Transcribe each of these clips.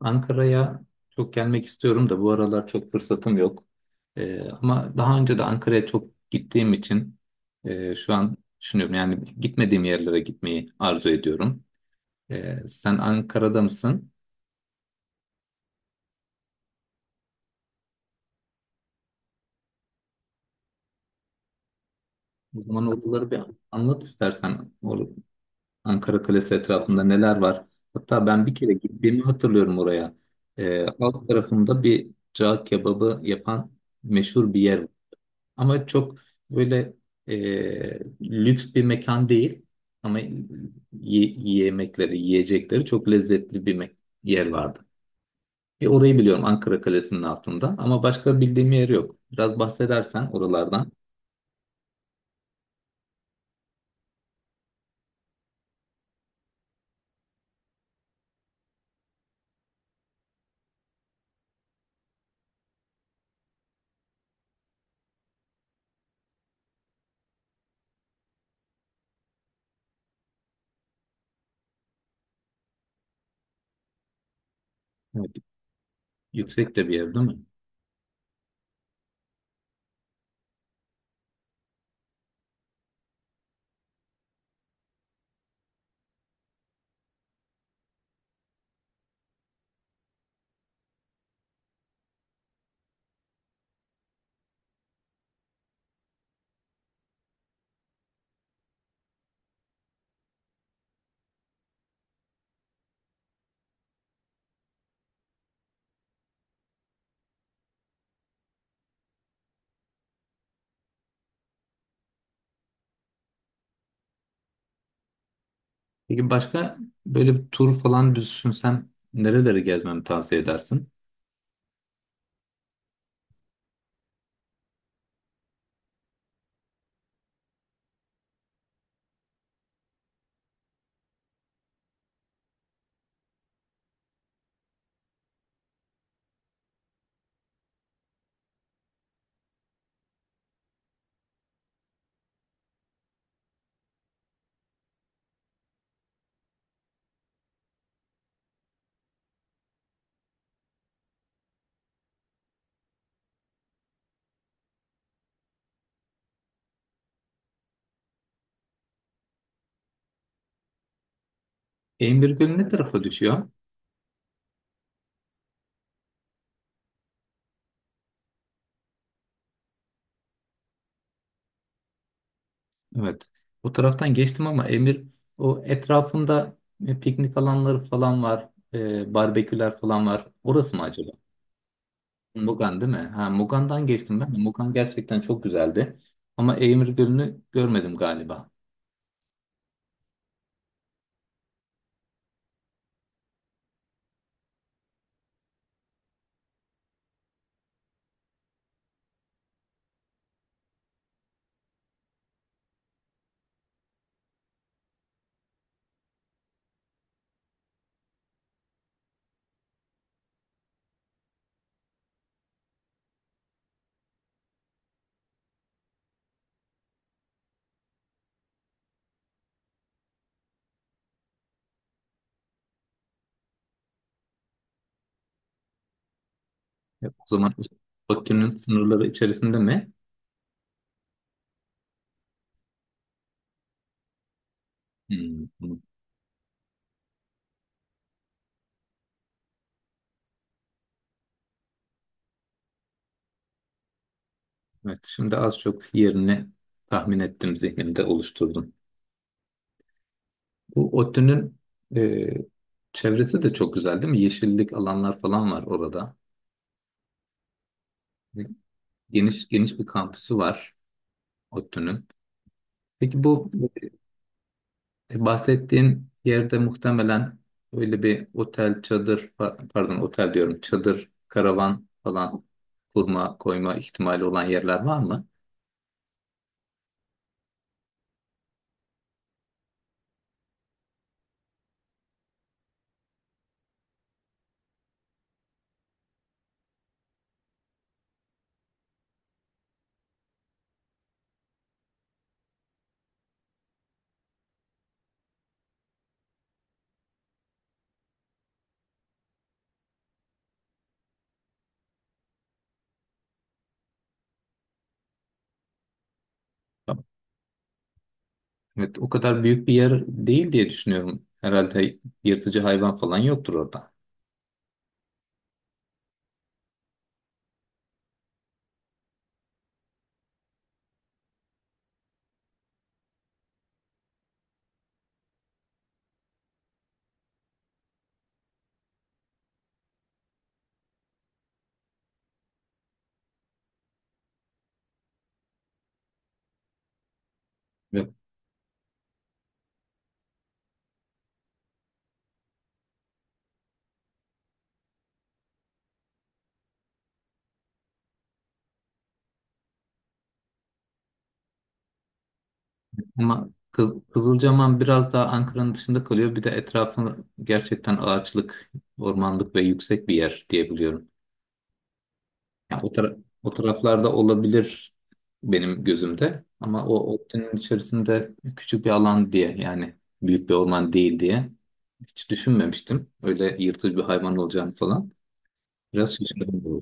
Ankara'ya çok gelmek istiyorum da bu aralar çok fırsatım yok. Ama daha önce de Ankara'ya çok gittiğim için şu an düşünüyorum, yani gitmediğim yerlere gitmeyi arzu ediyorum. Sen Ankara'da mısın? O zaman oraları bir anlat istersen. Ankara Kalesi etrafında neler var? Hatta ben bir kere gittiğimi hatırlıyorum oraya. Alt tarafında bir cağ kebabı yapan meşhur bir yer. Ama çok böyle lüks bir mekan değil. Ama yemekleri, yiyecekleri çok lezzetli bir yer vardı. E, orayı biliyorum Ankara Kalesi'nin altında ama başka bildiğim yer yok. Biraz bahsedersen oralardan. Evet, yüksek de bir yer değil mi? Peki başka böyle bir tur falan düşünsem nereleri gezmemi tavsiye edersin? Emirgöl ne tarafa düşüyor? Evet. Bu taraftan geçtim ama Emir o etrafında piknik alanları falan var. E, barbeküler falan var. Orası mı acaba? Mugan değil mi? Ha, Mugan'dan geçtim ben de. Mugan gerçekten çok güzeldi. Ama Emir Gölü'nü görmedim galiba. E, o zaman Bakü'nün sınırları içerisinde mi? Hmm. Evet. Şimdi az çok yerini tahmin ettim, zihnimde oluşturdum. Bu ODTÜ'nün e, çevresi de çok güzel değil mi? Yeşillik alanlar falan var orada. Geniş geniş bir kampüsü var ODTÜ'nün. Peki bu bahsettiğin yerde muhtemelen öyle bir otel, çadır, pardon otel diyorum, çadır, karavan falan kurma, koyma ihtimali olan yerler var mı? Evet, o kadar büyük bir yer değil diye düşünüyorum. Herhalde yırtıcı hayvan falan yoktur orada. Evet. Ama Kız, Kızılcahamam biraz daha Ankara'nın dışında kalıyor. Bir de etrafı gerçekten ağaçlık, ormanlık ve yüksek bir yer diyebiliyorum. Yani o, o taraflarda olabilir benim gözümde, ama o ODTÜ'nün içerisinde küçük bir alan diye, yani büyük bir orman değil diye hiç düşünmemiştim. Öyle yırtıcı bir hayvan olacağını falan. Biraz şaşırdım bu.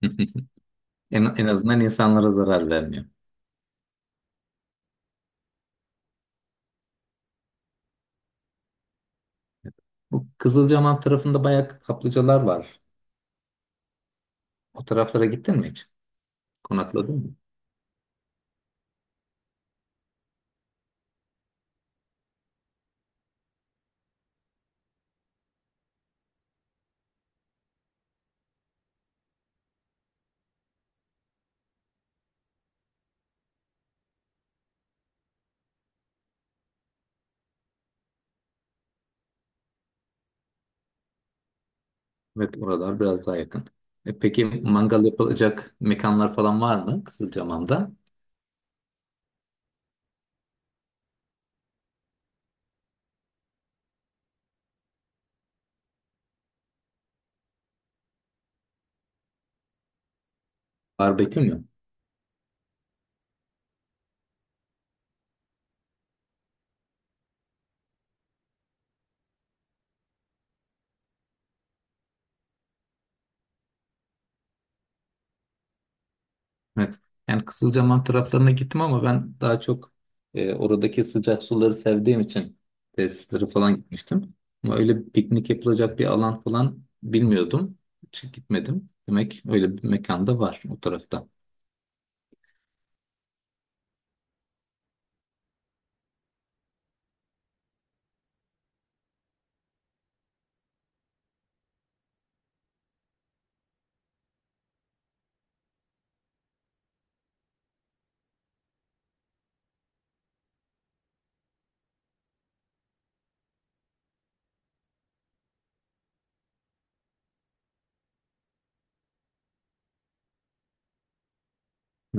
En, en azından insanlara zarar vermiyor. Bu Kızılcahamam tarafında bayağı kaplıcalar var. O taraflara gittin mi hiç? Konakladın mı? Evet, oralar biraz daha yakın. E peki mangal yapılacak mekanlar falan var mı Kızılcahamam'da? Barbekü mü? Evet. Yani Kızılcahamam taraflarına gittim ama ben daha çok oradaki sıcak suları sevdiğim için tesislere falan gitmiştim. Ama öyle piknik yapılacak bir alan falan bilmiyordum. Hiç gitmedim. Demek öyle bir mekan da var o tarafta.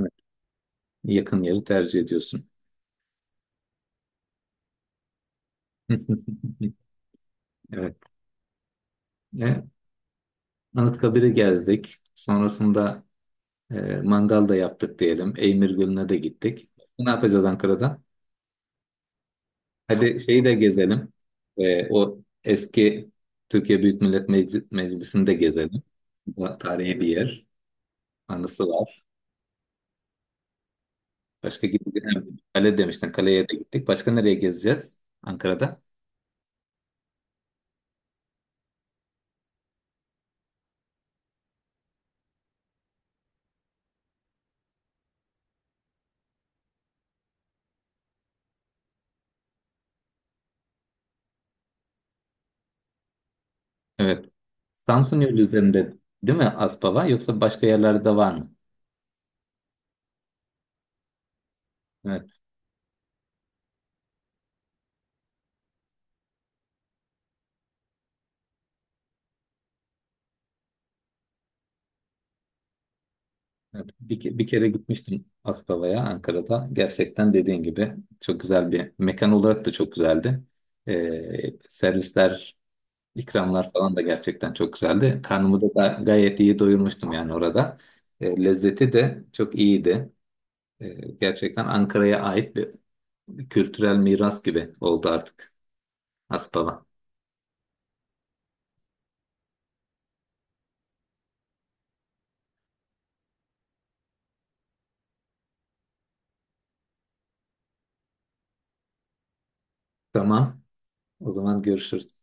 Evet. Yakın yeri tercih ediyorsun. Evet. E, Anıtkabir'i gezdik. Sonrasında mangal da yaptık diyelim. Eymir Gölü'ne de gittik. Ne yapacağız Ankara'da? Hadi şeyi de gezelim. O eski Türkiye Büyük Millet Meclisi'ni de gezelim. Bu da tarihi bir yer. Anısı var. Başka gidelim. Kale demiştin. Kaleye de gittik. Başka nereye gezeceğiz Ankara'da? Evet. Samsun yolu üzerinde değil mi Aspava? Yoksa başka yerlerde var mı? Evet. Evet. Bir, bir kere gitmiştim Aspava'ya Ankara'da. Gerçekten dediğin gibi çok güzel bir mekan olarak da çok güzeldi. Servisler, İkramlar falan da gerçekten çok güzeldi. Karnımı da gayet iyi doyurmuştum yani orada. E, lezzeti de çok iyiydi. E, gerçekten Ankara'ya ait bir kültürel miras gibi oldu artık Aspava. Tamam. O zaman görüşürüz.